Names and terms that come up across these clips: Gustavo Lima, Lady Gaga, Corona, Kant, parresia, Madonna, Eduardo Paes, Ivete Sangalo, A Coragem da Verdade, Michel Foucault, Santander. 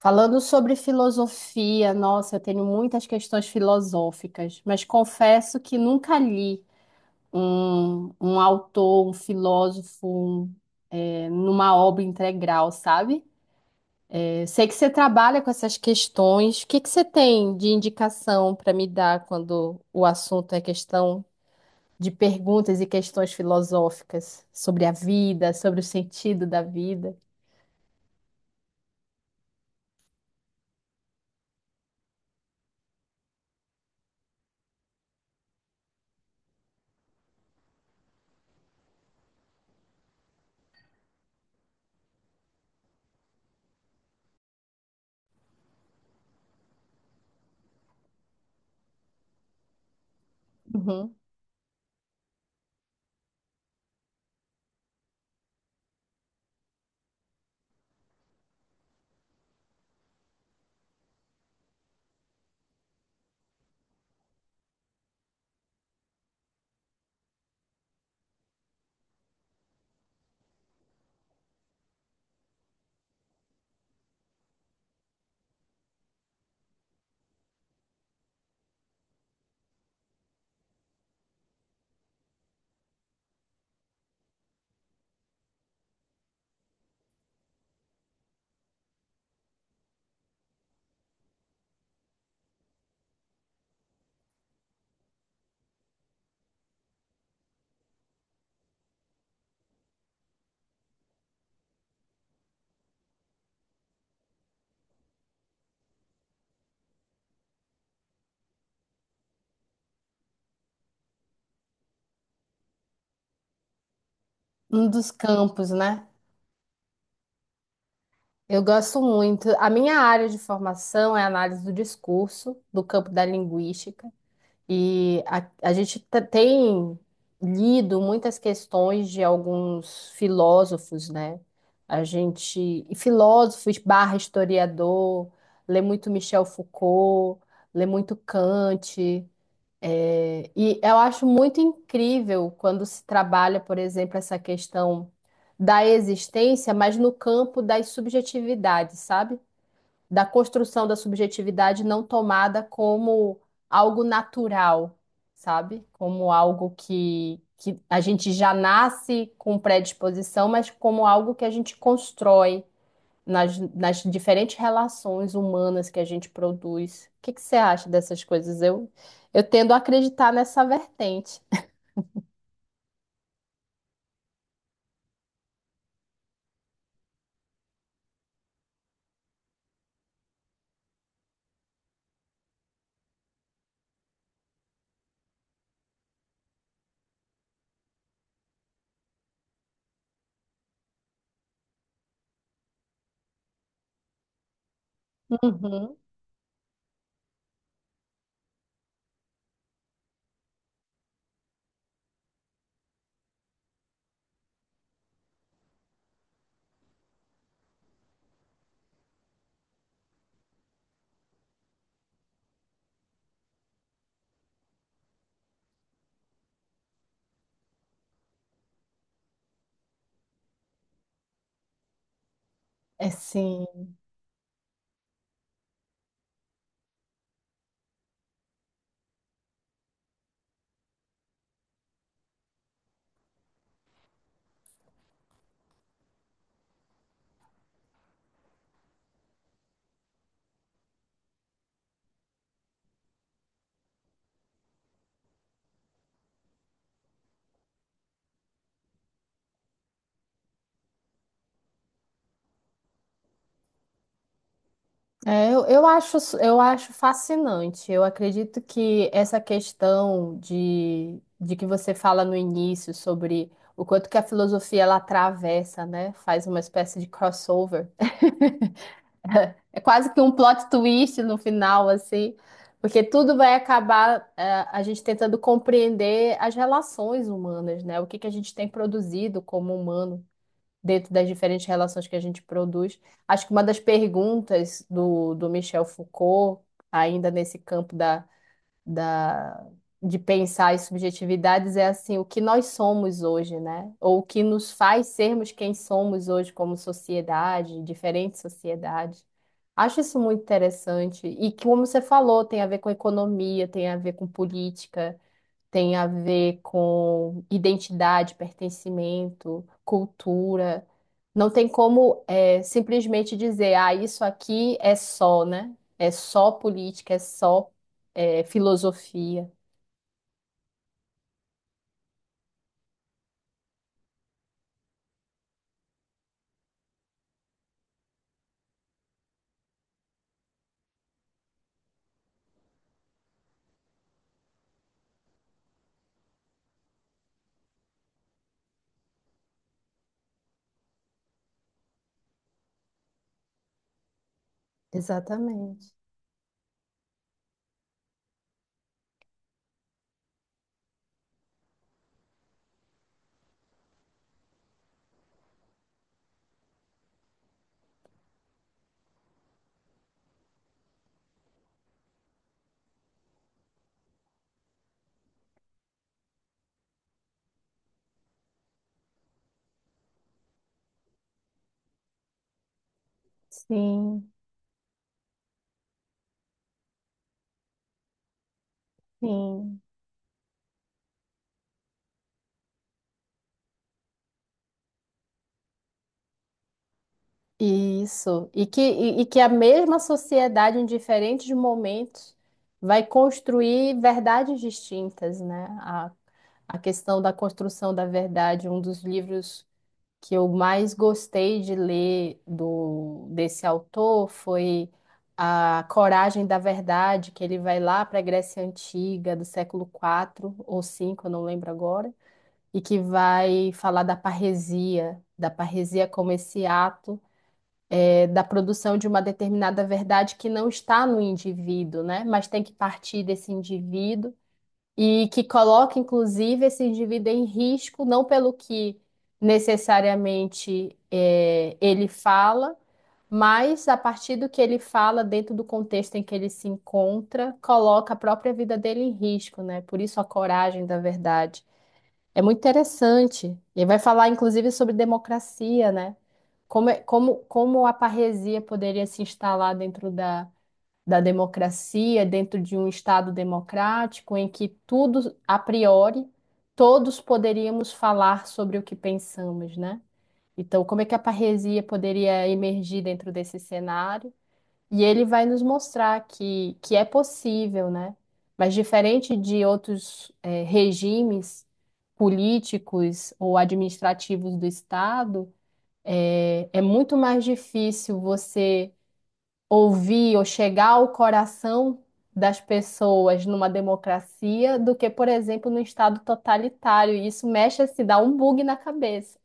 Falando sobre filosofia, nossa, eu tenho muitas questões filosóficas, mas confesso que nunca li um autor, um filósofo, um, numa obra integral, sabe? Sei que você trabalha com essas questões. O que que você tem de indicação para me dar quando o assunto é questão de perguntas e questões filosóficas sobre a vida, sobre o sentido da vida? Uhum. Um dos campos, né? Eu gosto muito. A minha área de formação é análise do discurso, do campo da linguística, e a gente tem lido muitas questões de alguns filósofos, né? A gente, e filósofos barra historiador, lê muito Michel Foucault, lê muito Kant. É, e eu acho muito incrível quando se trabalha, por exemplo, essa questão da existência, mas no campo das subjetividades, sabe? Da construção da subjetividade não tomada como algo natural, sabe? Como algo que a gente já nasce com predisposição, mas como algo que a gente constrói nas diferentes relações humanas que a gente produz. O que que você acha dessas coisas? Eu tendo a acreditar nessa vertente. Uhum. É sim. É, eu acho, eu acho fascinante. Eu acredito que essa questão de que você fala no início sobre o quanto que a filosofia ela atravessa, né? Faz uma espécie de crossover. É quase que um plot twist no final, assim, porque tudo vai acabar, a gente tentando compreender as relações humanas, né? O que que a gente tem produzido como humano dentro das diferentes relações que a gente produz. Acho que uma das perguntas do, do Michel Foucault, ainda nesse campo da de pensar as subjetividades é assim, o que nós somos hoje, né? Ou o que nos faz sermos quem somos hoje como sociedade, diferentes sociedades. Acho isso muito interessante. E que, como você falou, tem a ver com economia, tem a ver com política, tem a ver com identidade, pertencimento, cultura. Não tem como é, simplesmente dizer, ah, isso aqui é só, né? É só política, é só é, filosofia. Exatamente. Sim, sim. Isso. E que a mesma sociedade, em diferentes momentos, vai construir verdades distintas, né? A questão da construção da verdade, um dos livros que eu mais gostei de ler do desse autor foi A Coragem da Verdade, que ele vai lá para a Grécia Antiga, do século quatro ou cinco eu não lembro agora, e que vai falar da parresia como esse ato é, da produção de uma determinada verdade que não está no indivíduo, né? Mas tem que partir desse indivíduo e que coloca, inclusive, esse indivíduo em risco, não pelo que necessariamente ele fala, mas a partir do que ele fala, dentro do contexto em que ele se encontra, coloca a própria vida dele em risco, né? Por isso a coragem da verdade. É muito interessante. Ele vai falar, inclusive, sobre democracia, né? Como, como, como a parresia poderia se instalar dentro da democracia, dentro de um Estado democrático, em que tudo, a priori, todos poderíamos falar sobre o que pensamos, né? Então, como é que a parresia poderia emergir dentro desse cenário? E ele vai nos mostrar que é possível, né? Mas diferente de outros, regimes políticos ou administrativos do Estado, é, é muito mais difícil você ouvir ou chegar ao coração das pessoas numa democracia do que, por exemplo, no estado totalitário. E isso mexe, se dá um bug na cabeça.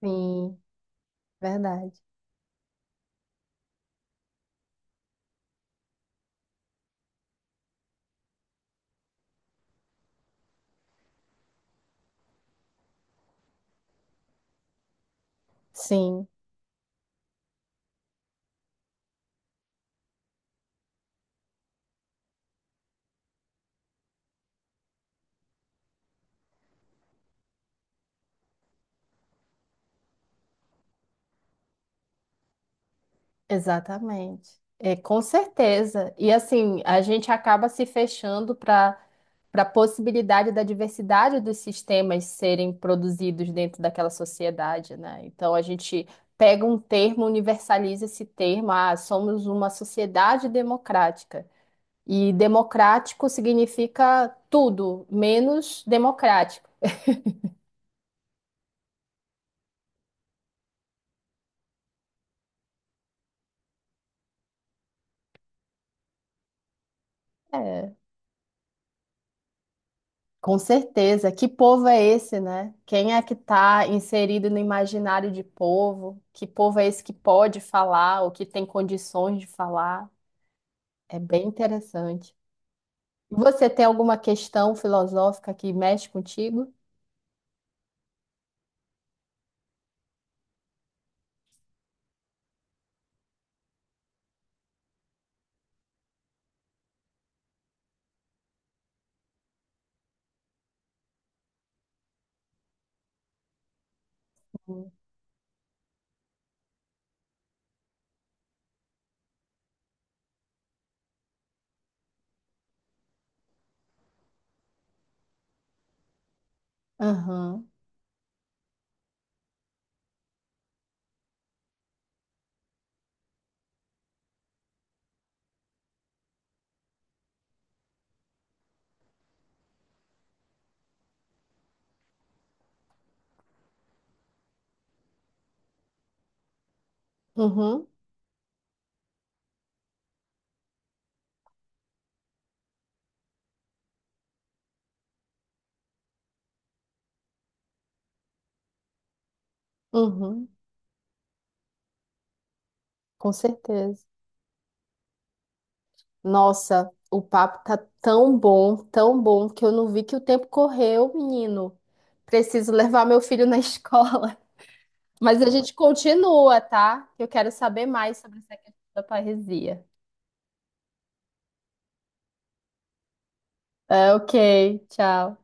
Sim, verdade. Sim, exatamente. É, com certeza. E assim, a gente acaba se fechando para para a possibilidade da diversidade dos sistemas serem produzidos dentro daquela sociedade, né? Então a gente pega um termo, universaliza esse termo, ah, somos uma sociedade democrática. E democrático significa tudo, menos democrático. É, com certeza. Que povo é esse, né? Quem é que está inserido no imaginário de povo? Que povo é esse que pode falar ou que tem condições de falar? É bem interessante. Você tem alguma questão filosófica que mexe contigo? Uhum. Uhum, uhum, com certeza. Nossa, o papo tá tão bom, que eu não vi que o tempo correu, menino. Preciso levar meu filho na escola. Mas a gente continua, tá? Eu quero saber mais sobre essa questão da parresia. É, ok, tchau.